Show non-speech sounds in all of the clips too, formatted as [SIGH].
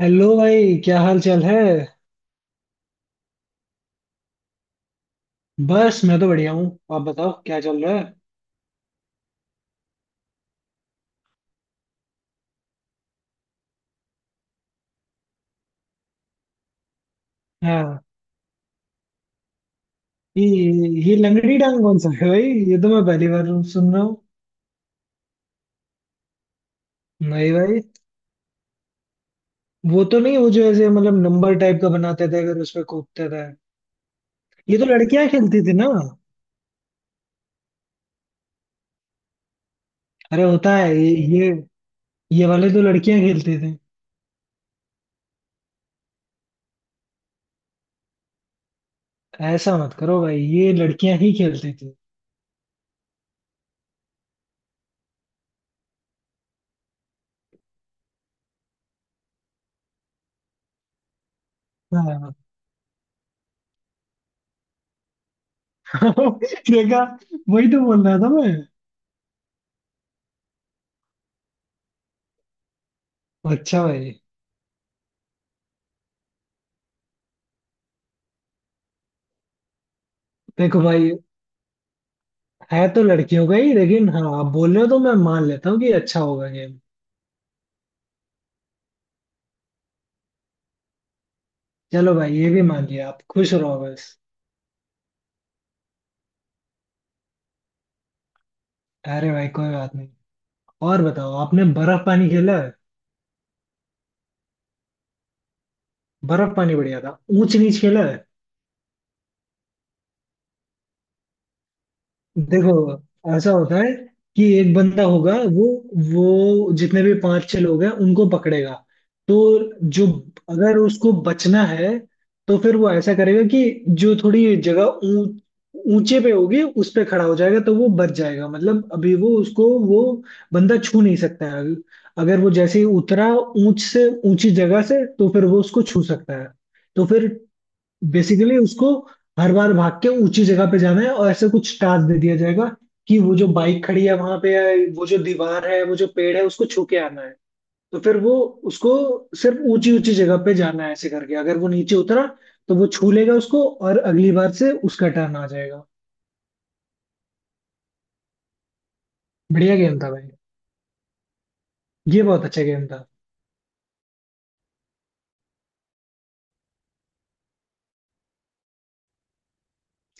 Hello भाई, क्या हाल चाल है। बस मैं तो बढ़िया हूँ। आप बताओ, क्या चल रहा है। हाँ, ये ये लंगड़ी डांग कौन सा है भाई। ये तो मैं पहली बार सुन रहा हूँ। नहीं भाई, वो तो नहीं, वो जो ऐसे मतलब नंबर टाइप का बनाते थे अगर उस पे कूदते थे। ये तो लड़कियां खेलती थी ना। अरे होता है, ये ये वाले तो लड़कियां खेलती थी। ऐसा मत करो भाई, ये लड़कियां ही खेलती थी। हाँ [LAUGHS] देखा, वही तो बोल रहा था मैं। अच्छा भाई। देखो भाई, है तो लड़कियों का ही, लेकिन हाँ, आप बोल रहे हो तो मैं मान लेता हूँ कि अच्छा होगा गेम। चलो भाई, ये भी मान लिया, आप खुश रहो बस। अरे भाई, कोई बात नहीं। और बताओ, आपने बर्फ पानी खेला है। बर्फ पानी बढ़िया था। ऊंच नीच खेला है। देखो, ऐसा होता है कि एक बंदा होगा, वो जितने भी 5 6 लोग हैं उनको पकड़ेगा। तो जो, अगर उसको बचना है तो फिर वो ऐसा करेगा कि जो थोड़ी जगह ऊंच ऊंचे पे होगी उस पे खड़ा हो जाएगा तो वो बच जाएगा। मतलब अभी वो उसको वो बंदा छू नहीं सकता है। अगर वो जैसे ही उतरा ऊंच से ऊंची जगह से, तो फिर वो उसको छू सकता है। तो फिर बेसिकली उसको हर बार भाग के ऊंची जगह पे जाना है, और ऐसे कुछ टास्क दे दिया जाएगा कि वो जो बाइक खड़ी है वहां पे है, वो जो दीवार है, वो जो पेड़ है, उसको छू के आना है। तो फिर वो उसको सिर्फ ऊंची ऊंची जगह पे जाना है। ऐसे करके अगर वो नीचे उतरा तो वो छू लेगा उसको, और अगली बार से उसका टर्न आ जाएगा। बढ़िया गेम था भाई, ये बहुत अच्छा गेम था।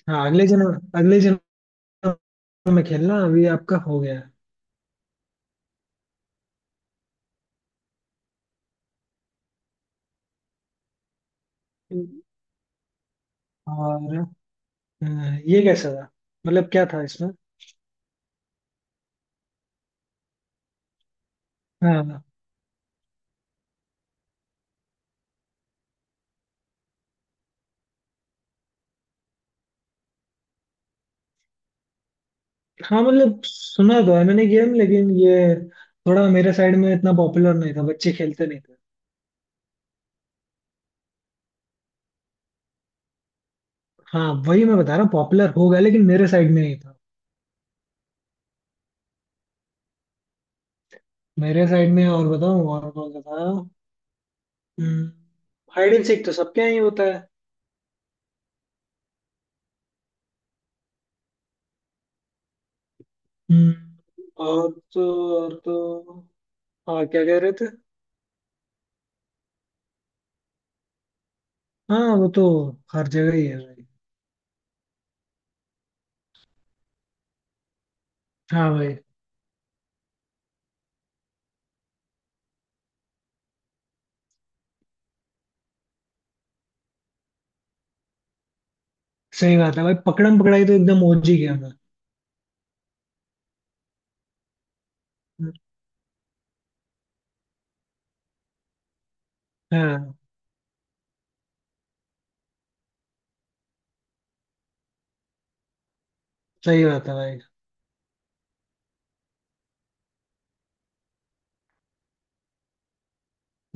हाँ, अगले जन्म में खेलना अभी आपका हो गया है। और अ, ये कैसा था, मतलब क्या था इसमें। हाँ। हाँ, मतलब सुना तो है मैंने गेम, लेकिन ये थोड़ा मेरे साइड में इतना पॉपुलर नहीं था, बच्चे खेलते नहीं थे। हाँ वही मैं बता रहा हूँ, पॉपुलर हो गया लेकिन मेरे साइड में नहीं था। मेरे साइड में, और बताऊँ और कौन सा था। हाइड एंड सीक तो सबके यहाँ ही होता है। हम्म, और तो। हाँ, क्या कह रहे थे। हाँ वो तो हर जगह ही है भाई। हाँ भाई। सही बात है भाई, पकड़म पकड़ाई तो एकदम ओजी गेम है। हाँ, सही बात है भाई।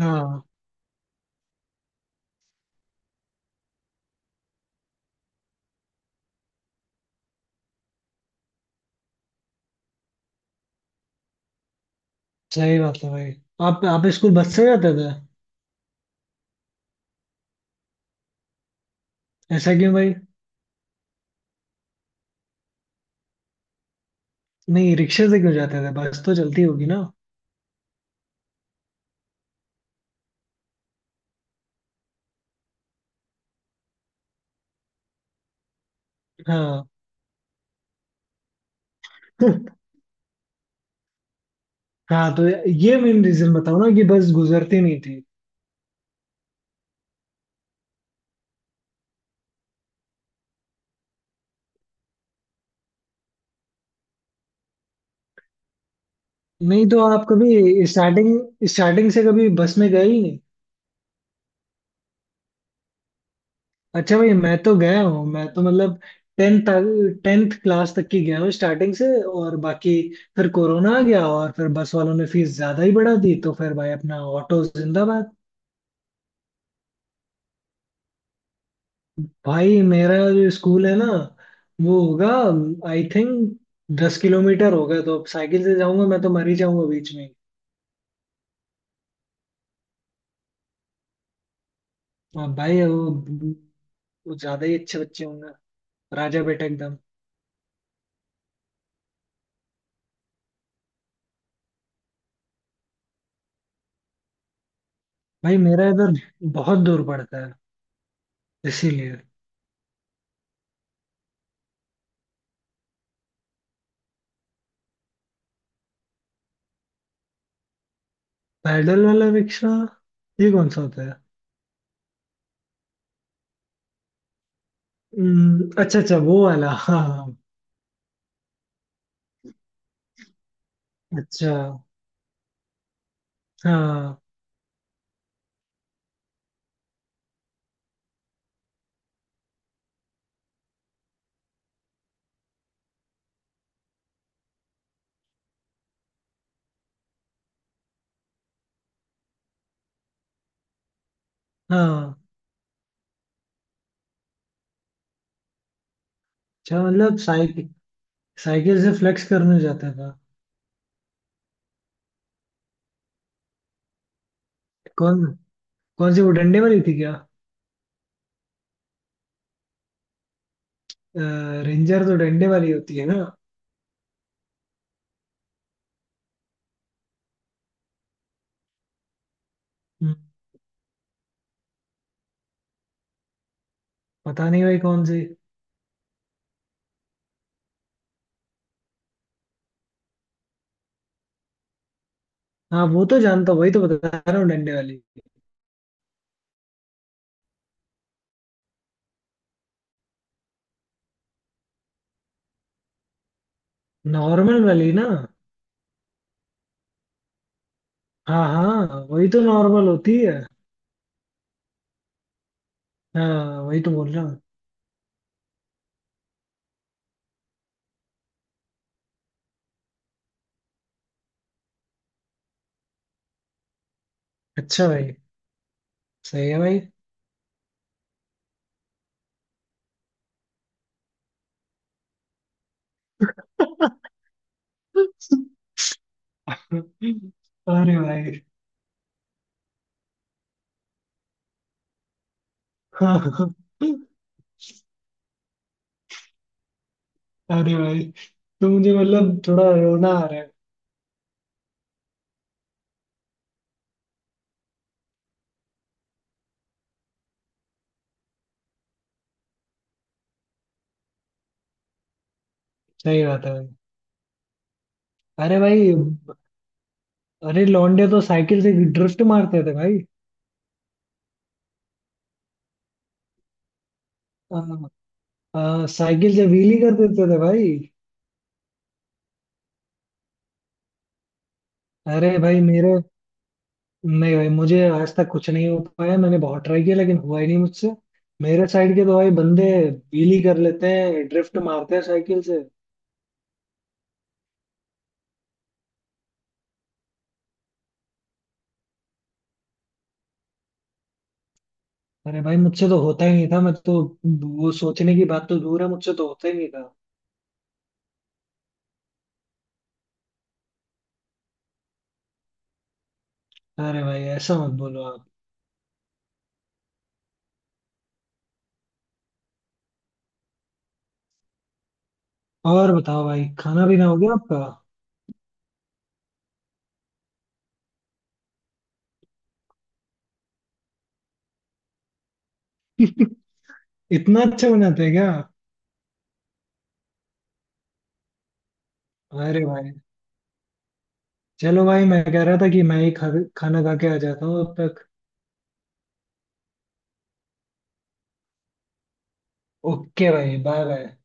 हाँ, सही बात है भाई। आप स्कूल बस से जाते थे। ऐसा क्यों भाई। नहीं, रिक्शे से क्यों जाते थे, बस तो चलती होगी ना। हाँ [LAUGHS] हाँ तो ये मेन रीजन बताओ ना, कि बस गुजरती नहीं थी। नहीं, तो आप कभी स्टार्टिंग स्टार्टिंग से कभी बस में गए ही नहीं। अच्छा भाई, मैं तो गया हूँ। मैं तो मतलब टेंथ टेंथ क्लास तक की गया हूँ स्टार्टिंग से। और बाकी फिर कोरोना आ गया, और फिर बस वालों ने फीस ज्यादा ही बढ़ा दी, तो फिर भाई अपना ऑटो जिंदाबाद। भाई मेरा जो स्कूल है ना, वो होगा आई थिंक 10 किलोमीटर होगा, तो अब साइकिल से जाऊंगा मैं तो मर ही जाऊंगा बीच में। हाँ भाई, वो ज्यादा ही अच्छे बच्चे होंगे, राजा बेटा एकदम। भाई मेरा इधर बहुत दूर पड़ता है, इसीलिए। पैदल वाला रिक्शा, ये कौन सा होता है। अच्छा अच्छा, वो वाला हाँ। अच्छा। हाँ हाँ। अच्छा मतलब, साइकिल साइकिल से फ्लेक्स करने जाता था। कौन कौन सी, वो डंडे वाली थी क्या। रेंजर तो डंडे वाली होती है ना। हम्म, पता नहीं भाई कौन सी। हाँ वो तो जानता हूँ, वही तो बता रहा हूँ डंडे वाली। नॉर्मल वाली ना। हाँ हाँ, वही तो नॉर्मल होती है। हाँ, वही तो बोल रहा हूँ। अच्छा भाई। सही है भाई। अरे भाई। हाँ हाँ। अरे भाई, तो मुझे मतलब थोड़ा रोना आ रहा है। सही बात है भाई। अरे भाई। अरे, लौंडे तो साइकिल से ड्रिफ्ट मारते थे भाई। आ, आ, साइकिल से व्हीली कर देते थे भाई। अरे भाई मेरे, नहीं भाई, मुझे आज तक कुछ नहीं हो पाया। मैंने बहुत ट्राई किया लेकिन हुआ ही नहीं मुझसे। मेरे साइड के तो भाई बंदे व्हीली कर लेते हैं, ड्रिफ्ट मारते हैं साइकिल से। अरे भाई, मुझसे तो होता ही नहीं था। मैं तो वो सोचने की बात तो दूर है, मुझसे तो होता ही नहीं था। अरे भाई, ऐसा मत बोलो आप। और बताओ भाई, खाना पीना हो गया आपका। इतना अच्छा बनाते हैं क्या। अरे भाई, चलो भाई, मैं कह रहा था कि खाना खा के आ जाता हूँ अब तक। ओके भाई, बाय बाय।